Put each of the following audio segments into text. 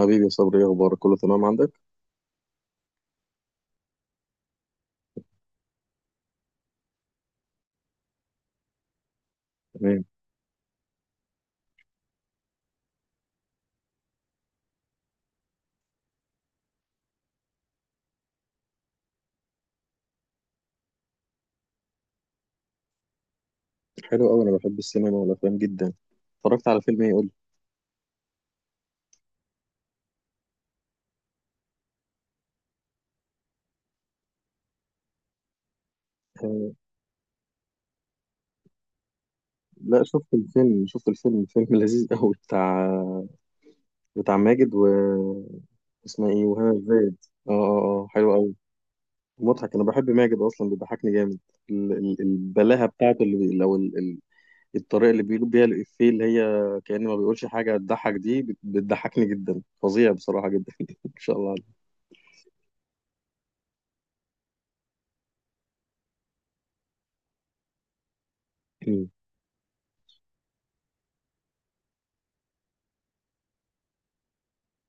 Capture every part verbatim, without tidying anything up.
حبيبي يا صبري، ايه اخبارك؟ كله تمام عندك؟ تمام. حلو قوي، انا بحب السينما والافلام جدا. اتفرجت على فيلم ايه؟ قول لي. آه. لا، شفت الفيلم شفت الفيلم فيلم لذيذ قوي بتاع بتاع ماجد و اسمها ايه وهنا الزاهد. اه اه اه، حلو قوي مضحك. انا بحب ماجد اصلا، بيضحكني جامد. ال ال البلاهه بتاعته اللي بي... لو ال ال الطريقه اللي بيقول بيها الافيه، اللي هي كأنه ما بيقولش حاجه تضحك دي بت- بتضحكني جدا فظيع بصراحه جدا ان شاء الله عليك. مم.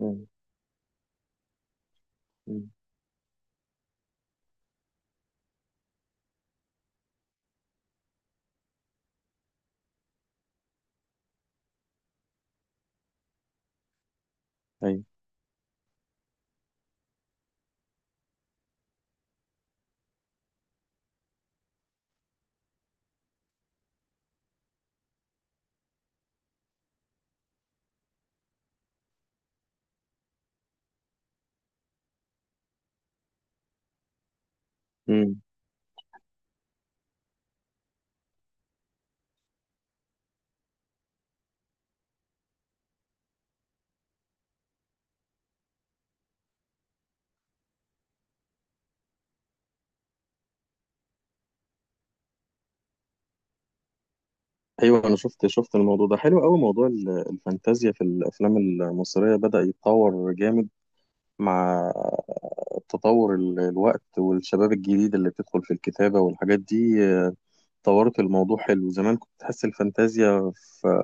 مم. مم. ايوه. مم. ايوه، انا شفت شفت الموضوع ده حلو قوي. موضوع ال- الفانتازيا في الافلام المصريه بدا يتطور جامد مع تطور ال- الوقت والشباب الجديد اللي بتدخل في الكتابه والحاجات دي، آه، طورت الموضوع حلو. زمان كنت تحس الفانتازيا في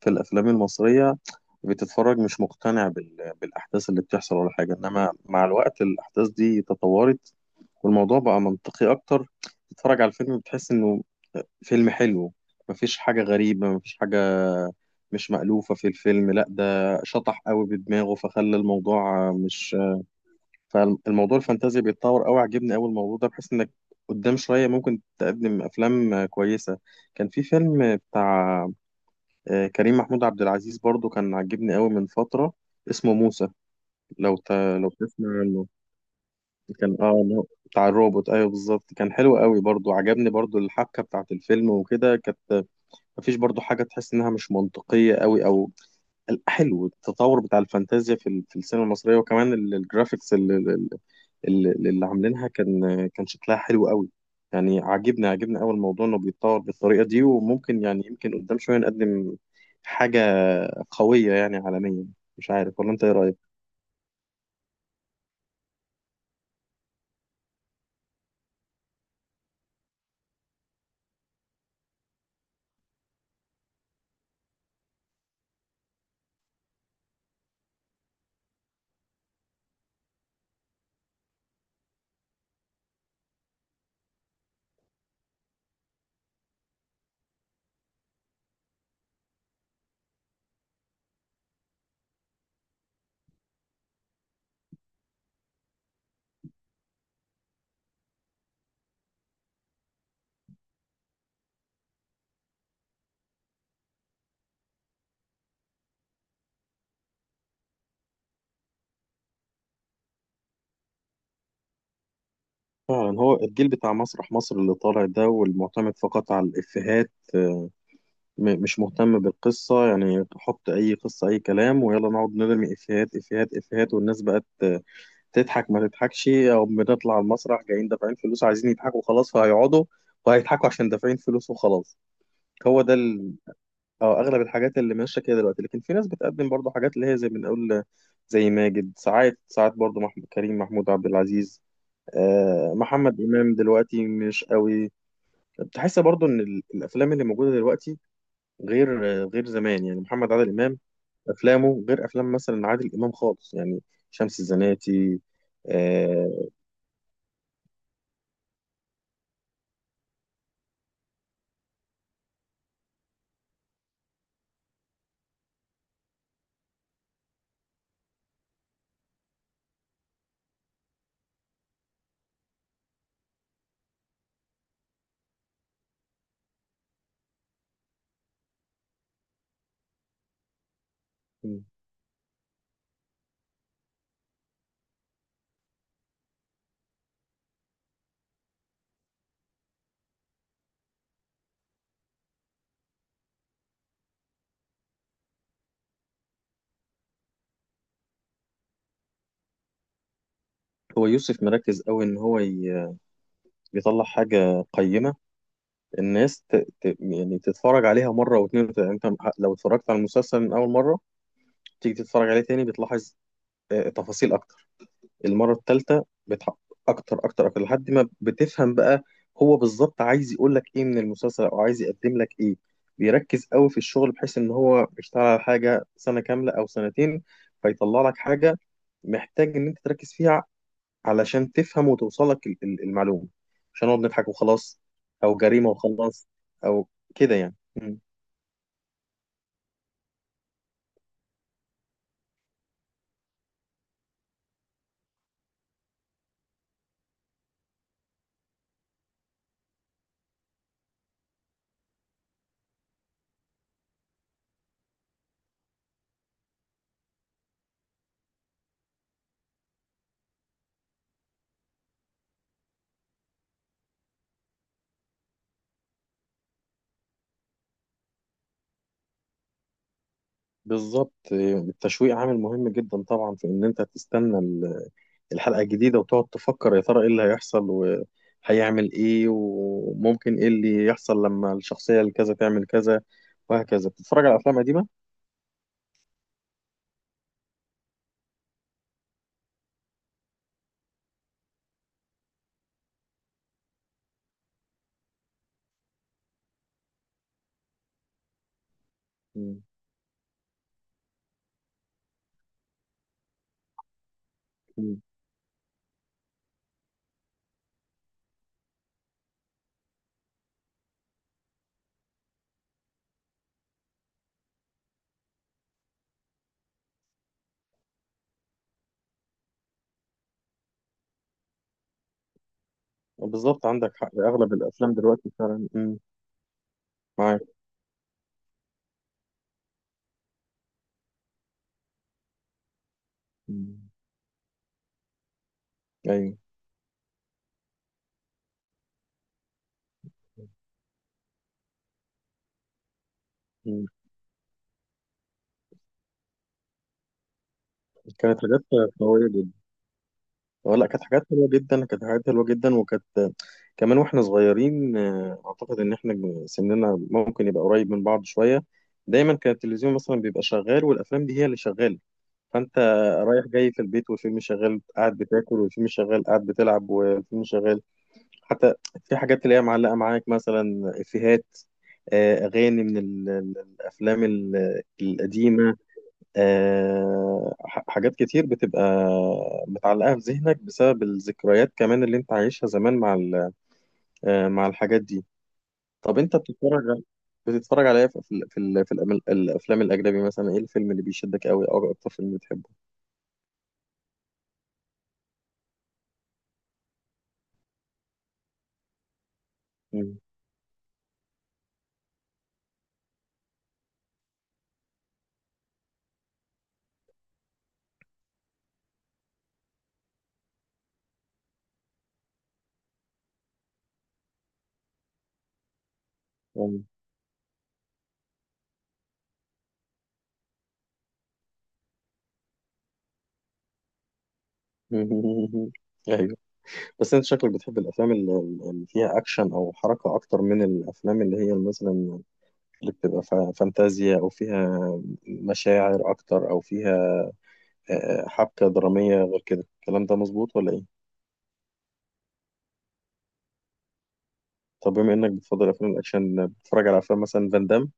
في الافلام المصريه بتتفرج مش مقتنع بال- بالاحداث اللي بتحصل ولا حاجه، انما مع الوقت الاحداث دي تطورت والموضوع بقى منطقي اكتر. تتفرج على الفيلم بتحس انه فيلم حلو، مفيش حاجة غريبة، مفيش حاجة مش مألوفة في الفيلم. لا ده شطح قوي بدماغه فخلى الموضوع مش فالموضوع الفانتازيا بيتطور قوي. عجبني قوي الموضوع ده، بحيث انك قدام شوية ممكن تقدم أفلام كويسة. كان في فيلم بتاع آه، كريم محمود عبد العزيز برضو، كان عجبني قوي من فترة، اسمه موسى. لو ت... لو تسمع عنه. كان اه إن هو بتاع الروبوت، ايوه بالظبط. كان حلو قوي برضو، عجبني برضو الحبكة بتاعت الفيلم وكده. كانت مفيش برضو حاجة تحس إنها مش منطقية قوي أو ال- حلو التطور بتاع الفانتازيا في ال- في السينما المصرية. وكمان ال- الجرافيكس اللي, اللي, اللي عاملينها كان كان شكلها حلو قوي. يعني عاجبني عاجبني أوي الموضوع إنه بيتطور بالطريقة دي، وممكن يعني يمكن قدام شوية نقدم حاجة قوية يعني عالميا. مش عارف، ولا أنت إيه رأيك؟ فعلا، هو الجيل بتاع مسرح مصر اللي طالع ده والمعتمد فقط على الإفيهات، م- مش مهتم بالقصة. يعني حط أي قصة أي كلام ويلا نقعد نرمي إفيهات إفيهات إفيهات. والناس بقت تضحك ما تضحكش. أو بنطلع المسرح جايين دافعين فلوس عايزين يضحكوا خلاص، فهيقعدوا وهيضحكوا عشان دافعين فلوس وخلاص. هو ده ال... أو أغلب الحاجات اللي ماشية كده دلوقتي. لكن في ناس بتقدم برضه حاجات، اللي هي زي ما بنقول، زي ماجد. ساعات ساعات برضه محمود، كريم محمود عبد العزيز، آه محمد إمام دلوقتي مش قوي. بتحس برضه إن ال- الأفلام اللي موجودة دلوقتي غير غير زمان. يعني محمد عادل امام، افلامه غير افلام مثلا عادل امام خالص، يعني شمس الزناتي. آه. هو يوسف مركز قوي ان هو ي- يطلع حاجه قيمه. الناس ت... ت... يعني تتفرج عليها مره واتنين وتلاته. يعني انت لو اتفرجت على المسلسل من اول مره، تيجي تتفرج عليه تاني بتلاحظ آه تفاصيل اكتر. المرة الثالثة بتحقق أكتر أكتر أكتر لحد ما بتفهم بقى هو بالظبط عايز يقول لك إيه من المسلسل، أو عايز يقدم لك إيه. بيركز قوي في الشغل، بحيث إن هو بيشتغل على حاجة سنة كاملة أو سنتين فيطلع لك حاجة محتاج إن أنت تركز فيها علشان تفهم وتوصل لك ال- ال- المعلومة. مش هنقعد نضحك وخلاص، أو جريمة وخلاص، أو كده يعني. م. بالظبط، التشويق عامل مهم جدا طبعا في إن أنت تستنى الحلقة الجديدة وتقعد تفكر يا ترى ايه اللي هيحصل وهيعمل ايه وممكن ايه اللي يحصل لما الشخصية الكذا تعمل كذا وهكذا. بتتفرج على أفلام قديمة؟ مم. مم. بالظبط، عندك حق. أغلب الأفلام دلوقتي فعلا. مم. معاك. مم. أيوه. مم. كانت حاجات قوية جدا، ولا كانت حاجات حلوة جدا. كانت حاجات حلوة جدا. وكانت كمان واحنا صغيرين، آه، اعتقد ان احنا سننا ممكن يبقى قريب من بعض شوية. دايما كان التلفزيون مثلا بيبقى شغال والافلام دي هي اللي شغالة. فانت رايح جاي في البيت والفيلم شغال، قاعد بتاكل والفيلم شغال، قاعد بتلعب والفيلم شغال. حتى في حاجات اللي هي معلقه معاك مثلا افيهات، آه، اغاني من ال- ال- الافلام ال- القديمه. آه، ح- حاجات كتير بتبقى متعلقه في ذهنك بسبب الذكريات كمان اللي انت عايشها زمان مع ال- آه، مع الحاجات دي. طب انت بتتفرج على- بتتفرج على ايه في في ال- في الأم- الافلام الاجنبي؟ مثلا ايه الفيلم اللي بيشدك قوي او اكتر فيلم بتحبه؟ مم. مم. ايوه. بس انت شكلك بتحب الافلام اللي اللي فيها اكشن او حركه اكتر من الافلام اللي هي مثلا اللي بتبقى فا- فانتازيا، او فيها مشاعر اكتر، او فيها آه، حبكه دراميه. غير كده، الكلام ده مظبوط ولا ايه؟ طب بما انك بتفضل افلام الاكشن، بتتفرج على افلام مثلا فان دام؟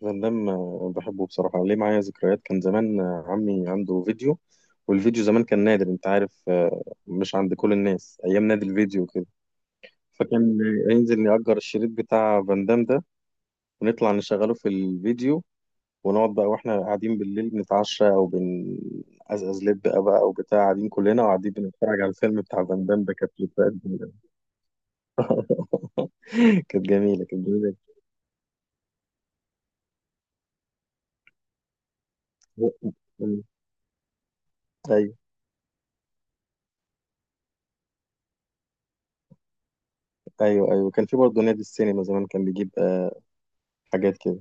فان دام آه، بحبه بصراحه. ليه؟ معايا ذكريات. كان زمان، آه، عمي عنده فيديو، والفيديو زمان كان نادر انت عارف، آه، مش عند كل الناس. ايام نادي الفيديو فكان هينزل نأجر الشريط بتاع فان دام ده، ونطلع نشغله في الفيديو، ونقعد بقى. واحنا قاعدين بالليل بنتعشى او بنقزقز لب بقى، بقى او بتاع، قاعدين كلنا وقاعدين بنتفرج على الفيلم بتاع فان دام ده. كانت ذكريات جميلة. كانت جميلة. كانت جميلة. مم. ايوه. ايوه ايوه، كان في برضه نادي السينما زمان كان بيجيب آه حاجات كده.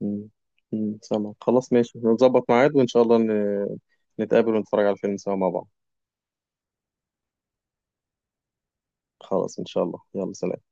مم. مم. سامع؟ خلاص ماشي، نظبط ميعاد وان شاء الله ن- نتقابل ونتفرج على الفيلم سوا مع بعض. خلاص، ان شاء الله يلا سلام.